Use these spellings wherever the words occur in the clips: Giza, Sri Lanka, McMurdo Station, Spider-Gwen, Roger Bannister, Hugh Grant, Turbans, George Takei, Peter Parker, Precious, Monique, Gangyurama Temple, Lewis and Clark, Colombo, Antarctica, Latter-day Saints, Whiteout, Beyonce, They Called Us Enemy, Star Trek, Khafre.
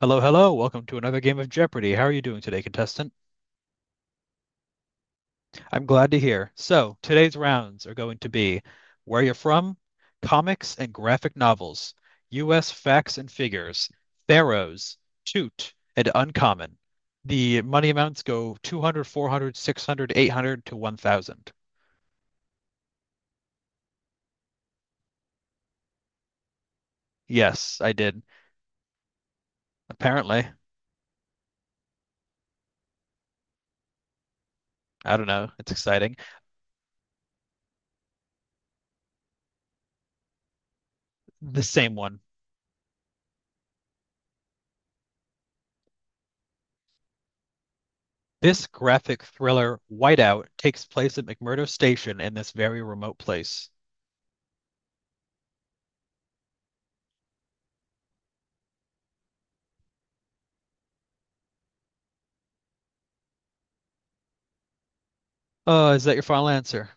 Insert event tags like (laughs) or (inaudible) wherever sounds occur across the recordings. Hello, hello. Welcome to another game of Jeopardy. How are you doing today, contestant? I'm glad to hear. So, today's rounds are going to be Where You're From, Comics and Graphic Novels, U.S. Facts and Figures, Pharaohs, Toot, and Uncommon. The money amounts go 200, 400, 600, 800 to 1,000. Yes, I did. Apparently. I don't know. It's exciting. The same one. This graphic thriller, Whiteout, takes place at McMurdo Station in this very remote place. Oh, is that your final answer?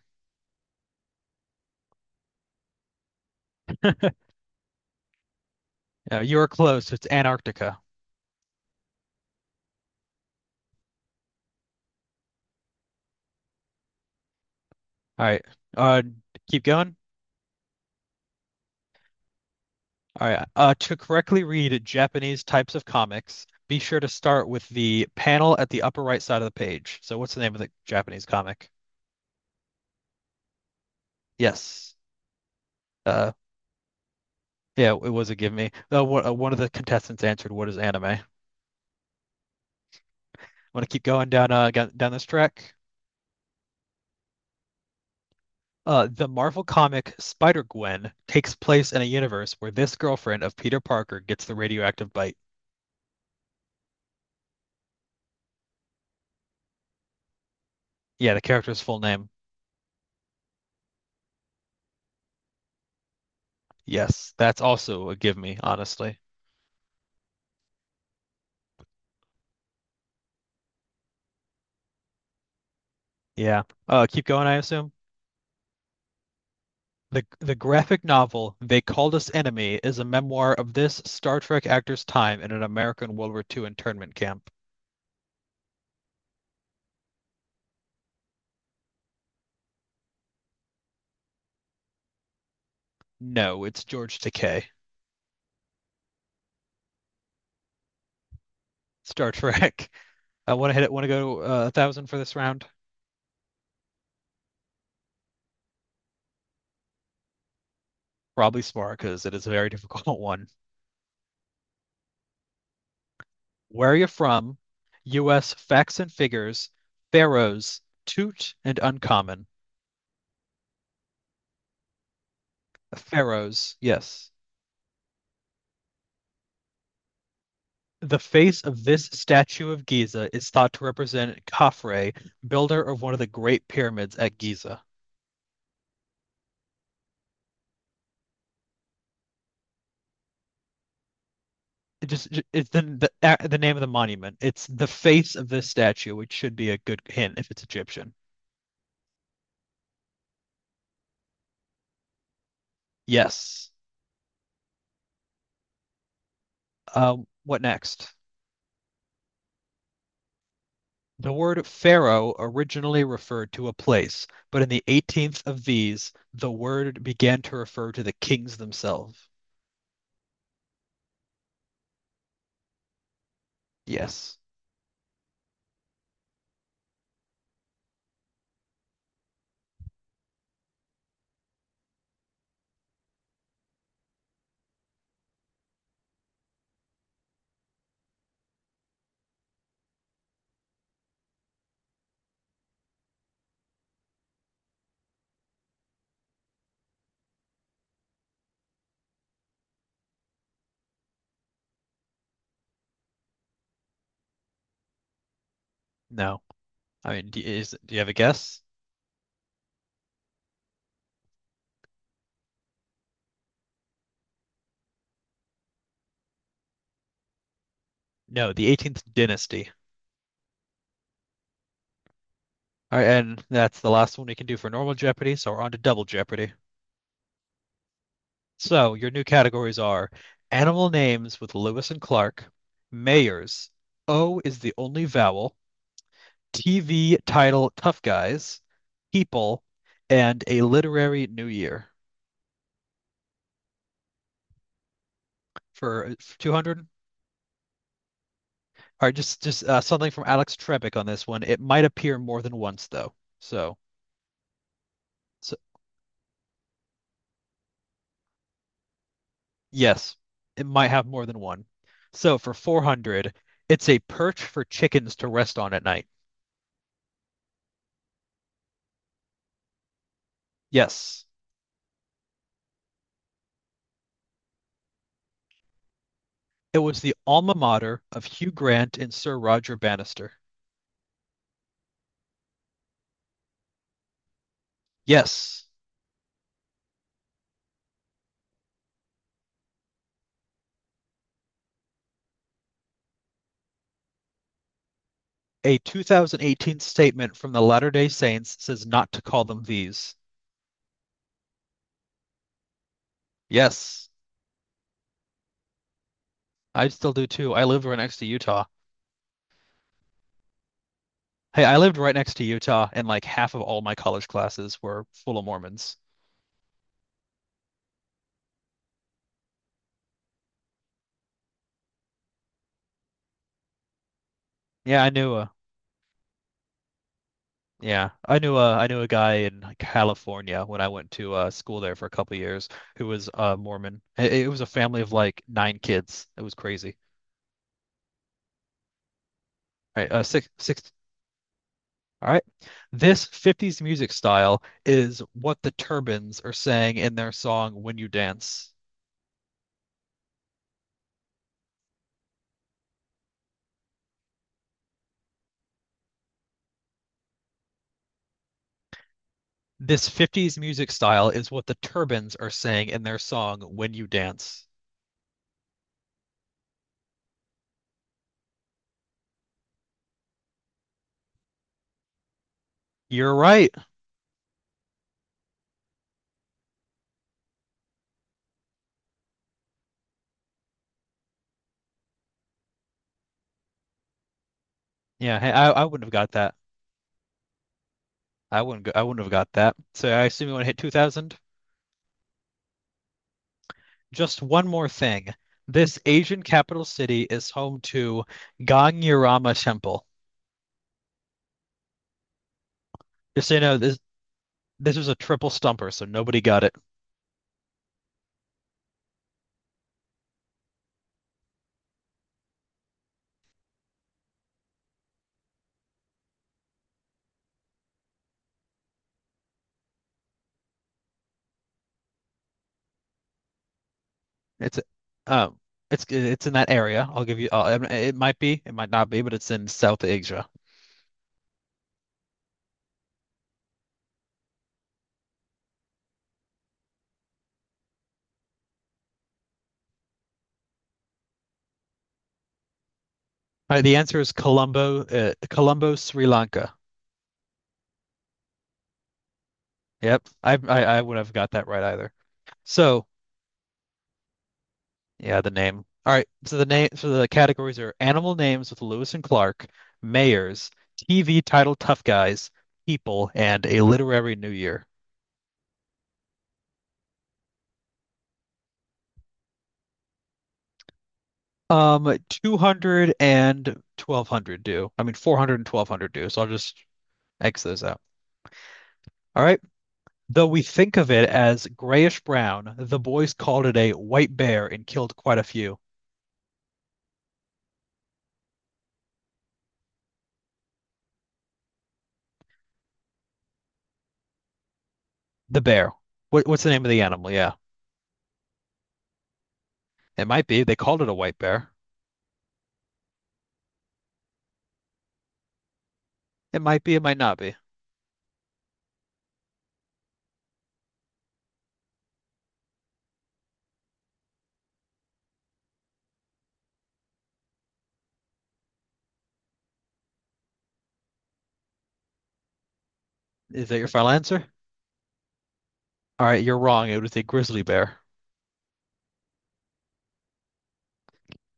Yeah, you are close. It's Antarctica. All right. Uh, Keep going. All right. To correctly read Japanese types of comics, be sure to start with the panel at the upper right side of the page. So, what's the name of the Japanese comic? Yes. Uh, yeah, it was a give me. One of the contestants answered, "What is anime?" I want to keep going down this track. The Marvel comic Spider-Gwen takes place in a universe where this girlfriend of Peter Parker gets the radioactive bite. Yeah, the character's full name. Yes, that's also a give me, honestly. Yeah. Keep going, I assume. The graphic novel They Called Us Enemy is a memoir of this Star Trek actor's time in an American World War II internment camp. No, it's George Takei. Star Trek. (laughs) I want to hit it. Want to go 1,000 for this round? Probably smart because it is a very (laughs) difficult one. Where are you from? U.S. Facts and figures. Pharaohs. Toot and uncommon. Pharaohs. Yes. The face of this statue of Giza is thought to represent Khafre, builder of one of the great pyramids at Giza. It's the name of the monument. It's the face of this statue, which should be a good hint if it's Egyptian. Yes. What next? The word pharaoh originally referred to a place, but in the 18th of these, the word began to refer to the kings themselves. Yes. No. I mean, do you have a guess? No, the 18th dynasty. All right, and that's the last one we can do for normal Jeopardy, so we're on to double Jeopardy. So your new categories are animal names with Lewis and Clark, mayors, O is the only vowel, TV title Tough Guys, people, and a literary new year for 200. All right, just something from Alex Trebek on this one. It might appear more than once though. So, so Yes, it might have more than one. So for 400, it's a perch for chickens to rest on at night. Yes, it was the alma mater of Hugh Grant and Sir Roger Bannister. Yes, a 2018 statement from the Latter-day Saints says not to call them these. Yes, I still do too. I lived right next to Utah. Hey, I lived right next to Utah, and like half of all my college classes were full of Mormons. Yeah, I knew uh, Yeah, I knew a guy in like, California when I went to school there for a couple of years who was Mormon. It was a family of like nine kids. It was crazy. All right. Six, six. All right, this '50s music style is what the Turbans are saying in their song "When You Dance." This '50s music style is what the Turbans are saying in their song "When You Dance." You're right. Yeah, hey, I wouldn't have got that. I wouldn't have got that. So I assume you want to hit 2000. Just one more thing. This Asian capital city is home to Gangyurama Temple. Just so you know, this was a triple stumper, so nobody got it. It's um, it's in that area. I'll give you. It might be, it might not be, but it's in South Asia. All right, the answer is Colombo, Sri Lanka. Yep, I would have got that right either. So Yeah, the name. All right. So the categories are animal names with Lewis and Clark, mayors, TV title tough guys, people, and a literary new year. Two hundred and 1200 do. I mean, four hundred and twelve hundred do. So I'll just X those out. All right. Though we think of it as grayish brown, the boys called it a white bear and killed quite a few. The bear. What's the name of the animal? Yeah. It might be. They called it a white bear. It might be. It might not be. Is that your final answer? All right, you're wrong. It was a grizzly bear.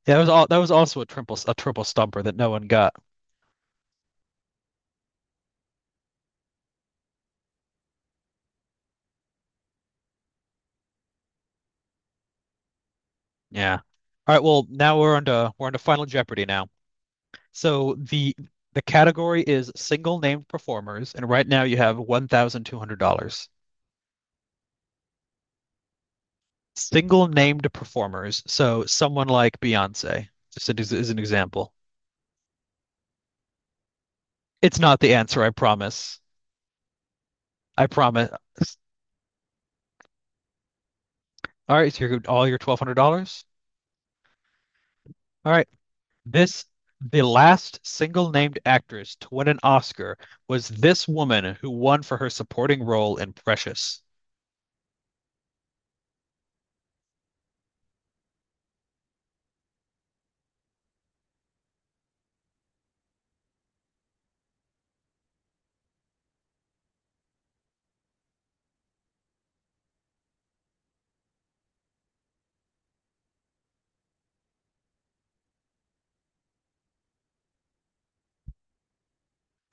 Yeah, that was all. That was also a triple stumper that no one got. Yeah. All right. Well, now we're on to Final Jeopardy now. So the category is single named performers, and right now you have $1,200. Single named performers. So someone like Beyonce, just as an example. It's not the answer, I promise. I promise. All right, so you're all your $1,200. All right. This the last single named actress to win an Oscar was this woman who won for her supporting role in Precious. Is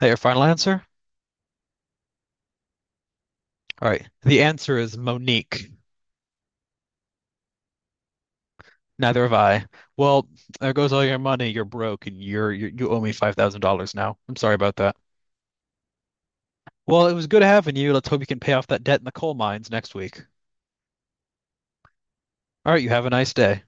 that your final answer? All right. The answer is Monique. Neither have I. Well, there goes all your money. You're broke, and you owe me $5,000 now. I'm sorry about that. Well, it was good having you. Let's hope you can pay off that debt in the coal mines next week. All right. You have a nice day.